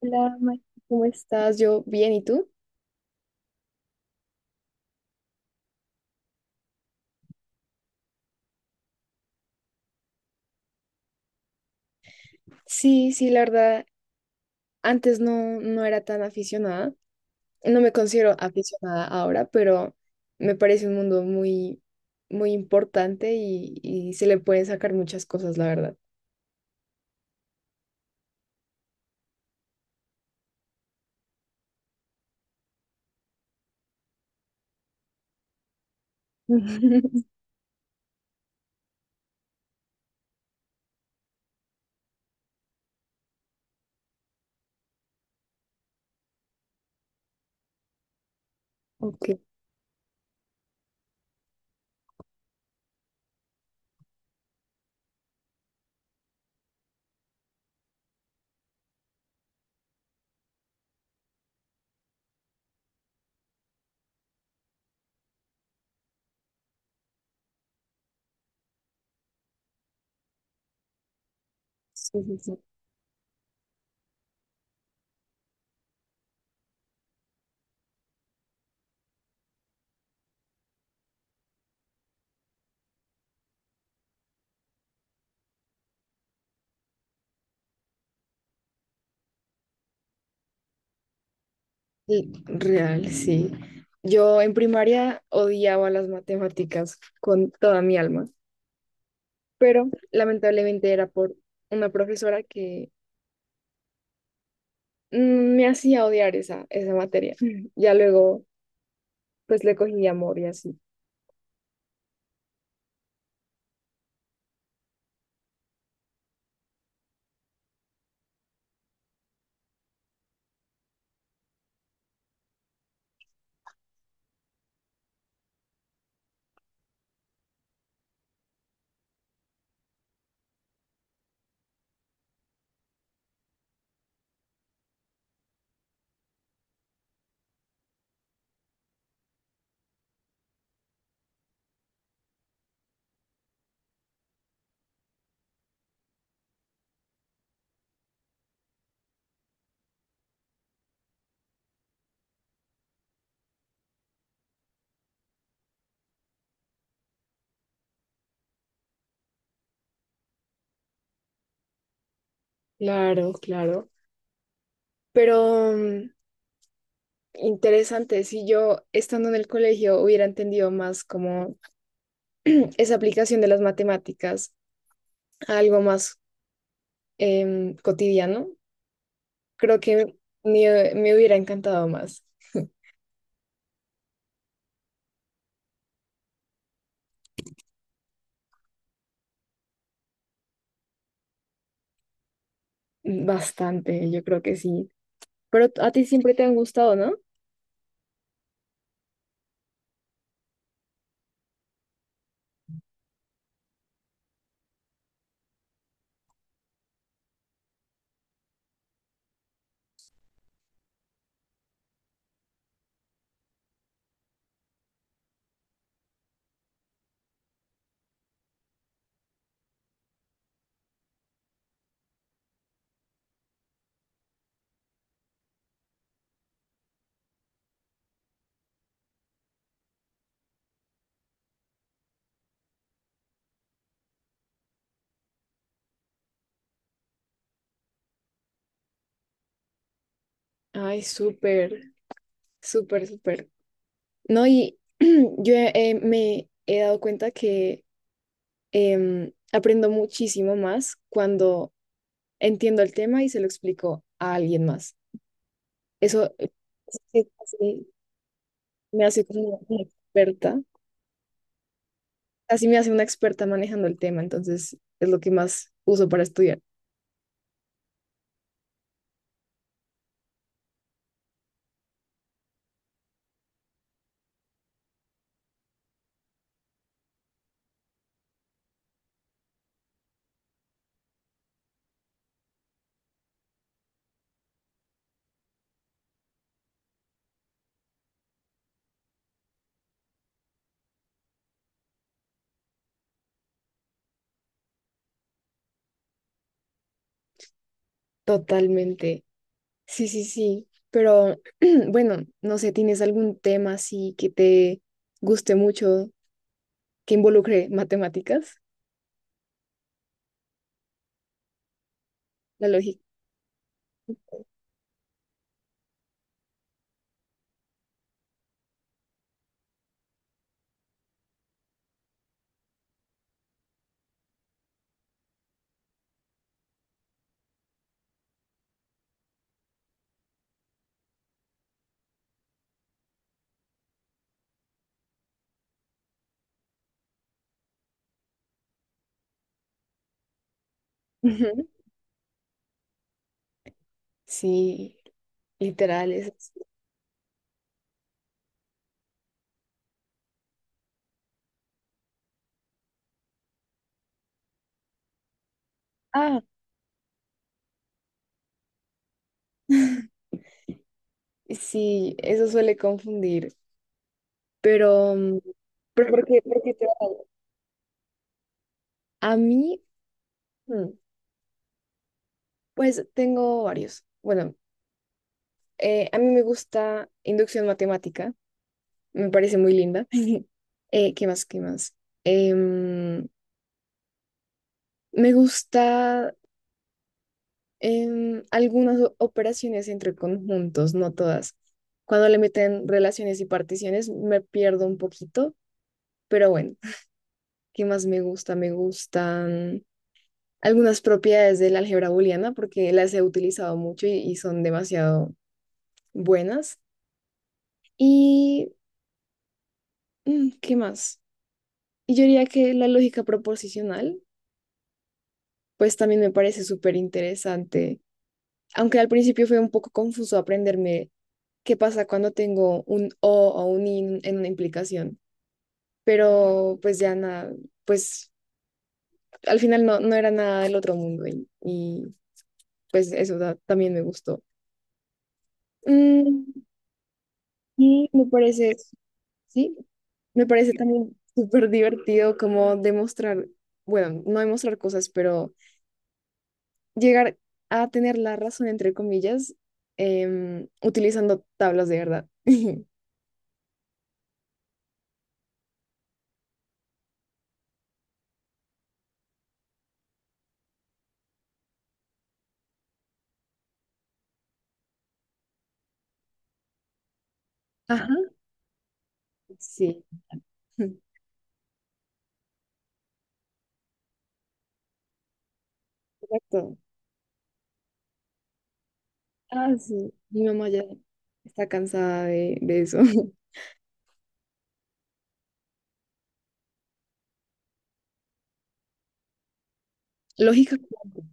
Hola, Ma- ¿Cómo estás? Yo bien, ¿y tú? Sí, sí, la verdad, antes no era tan aficionada. No me considero aficionada ahora, pero me parece un mundo muy importante y se le pueden sacar muchas cosas, la verdad. Ok, sí, sí, sí. Y Real, sí. Yo en primaria odiaba las matemáticas con toda mi alma, pero lamentablemente era por una profesora me hacía odiar esa materia. Ya luego, pues le cogí amor y así. Claro, claro. Pero interesante, si yo estando en el colegio hubiera entendido más como esa aplicación de las matemáticas a algo más cotidiano, creo que me hubiera encantado más. Mm, bastante, yo creo que sí. Pero a ti siempre te han gustado, ¿no? Ay, súper. Súper, súper. No, y yo me he dado cuenta que aprendo muchísimo más cuando entiendo el tema y se lo explico a alguien más. Eso sí, sí, me hace como una experta, así me hace una experta manejando el tema, entonces es lo que más uso para estudiar. Totalmente. Sí, sí, sí. Pero bueno, no sé, ¿tienes algún tema así que te guste mucho, que involucre matemáticas, la lógica? Sí, literal, eso es- Ah, sí, eso suele confundir, pero, pero ¿por qué te va mal? A mí, mm, pues tengo varios. Bueno, a mí me gusta inducción matemática, me parece muy linda. ¿Qué más? ¿Qué más? Em, me gusta algunas operaciones entre conjuntos, no todas. Cuando le meten relaciones y particiones me pierdo un poquito, pero bueno. ¿Qué más me gusta? Me gustan algunas propiedades del álgebra booleana porque las he utilizado mucho y son demasiado buenas. ¿Y qué más? Y yo diría que la lógica proposicional, pues también me parece súper interesante, aunque al principio fue un poco confuso aprenderme qué pasa cuando tengo un o un in en una implicación, pero pues ya nada, pues al final no era nada del otro mundo y pues eso también me gustó. Mm, y me parece, sí, me parece también súper divertido como demostrar, bueno, no demostrar cosas, pero llegar a tener la razón, entre comillas, utilizando tablas de verdad. Ajá. Sí, exacto. Ah, sí, mi mamá ya está cansada de eso. Lógica cuántica.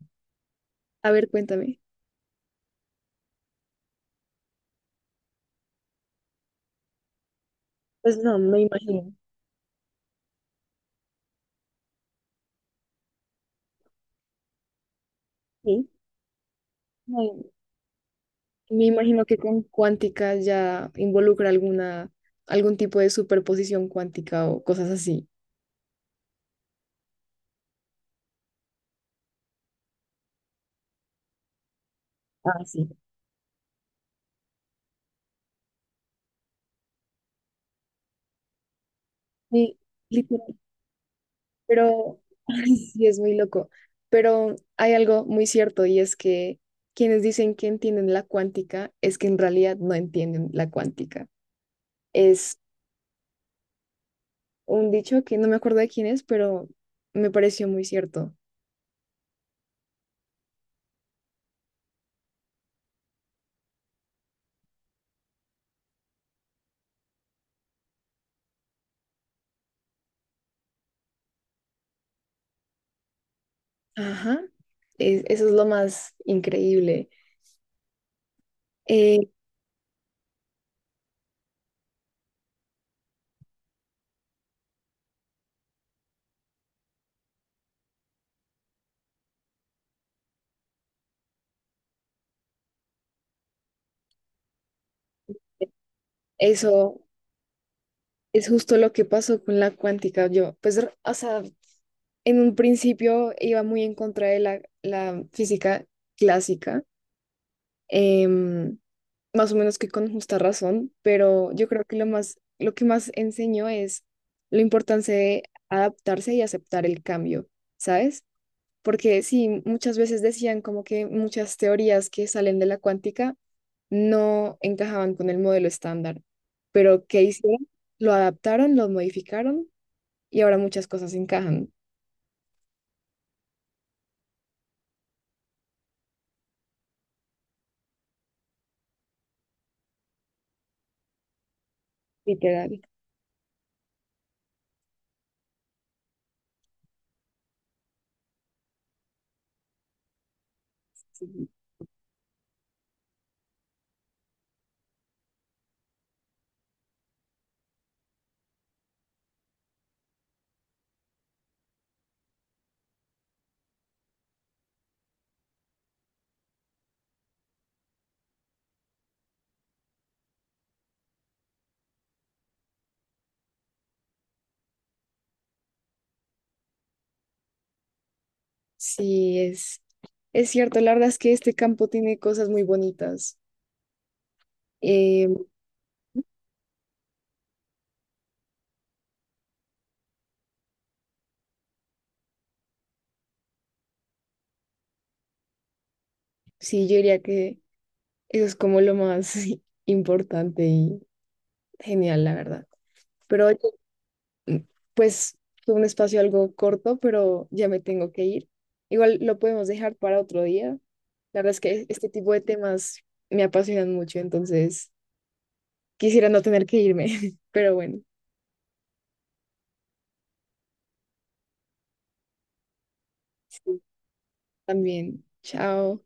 A ver, cuéntame. Pues no, me imagino. Sí. Ay, me imagino que con cuántica ya involucra alguna, algún tipo de superposición cuántica o cosas así. Ah, sí. Sí, literal, pero ay, sí es muy loco. Pero hay algo muy cierto y es que quienes dicen que entienden la cuántica es que en realidad no entienden la cuántica. Es un dicho que no me acuerdo de quién es, pero me pareció muy cierto. Ajá, eso es lo más increíble. Eh, eso es justo lo que pasó con la cuántica. Yo, pues, o sea, en un principio iba muy en contra de la física clásica, em, más o menos que con justa razón, pero yo creo que lo más, lo que más enseñó es la importancia de adaptarse y aceptar el cambio, ¿sabes? Porque sí, muchas veces decían como que muchas teorías que salen de la cuántica no encajaban con el modelo estándar, pero ¿qué hicieron? Lo adaptaron, lo modificaron y ahora muchas cosas encajan. Literal. Sí, es cierto, la verdad es que este campo tiene cosas muy bonitas. Eh, sí, yo diría que eso es como lo más importante y genial, la verdad. Pero oye, mm, pues fue un espacio algo corto, pero ya me tengo que ir. Igual lo podemos dejar para otro día. La verdad es que este tipo de temas me apasionan mucho, entonces quisiera no tener que irme, pero bueno, sí. También. Chao.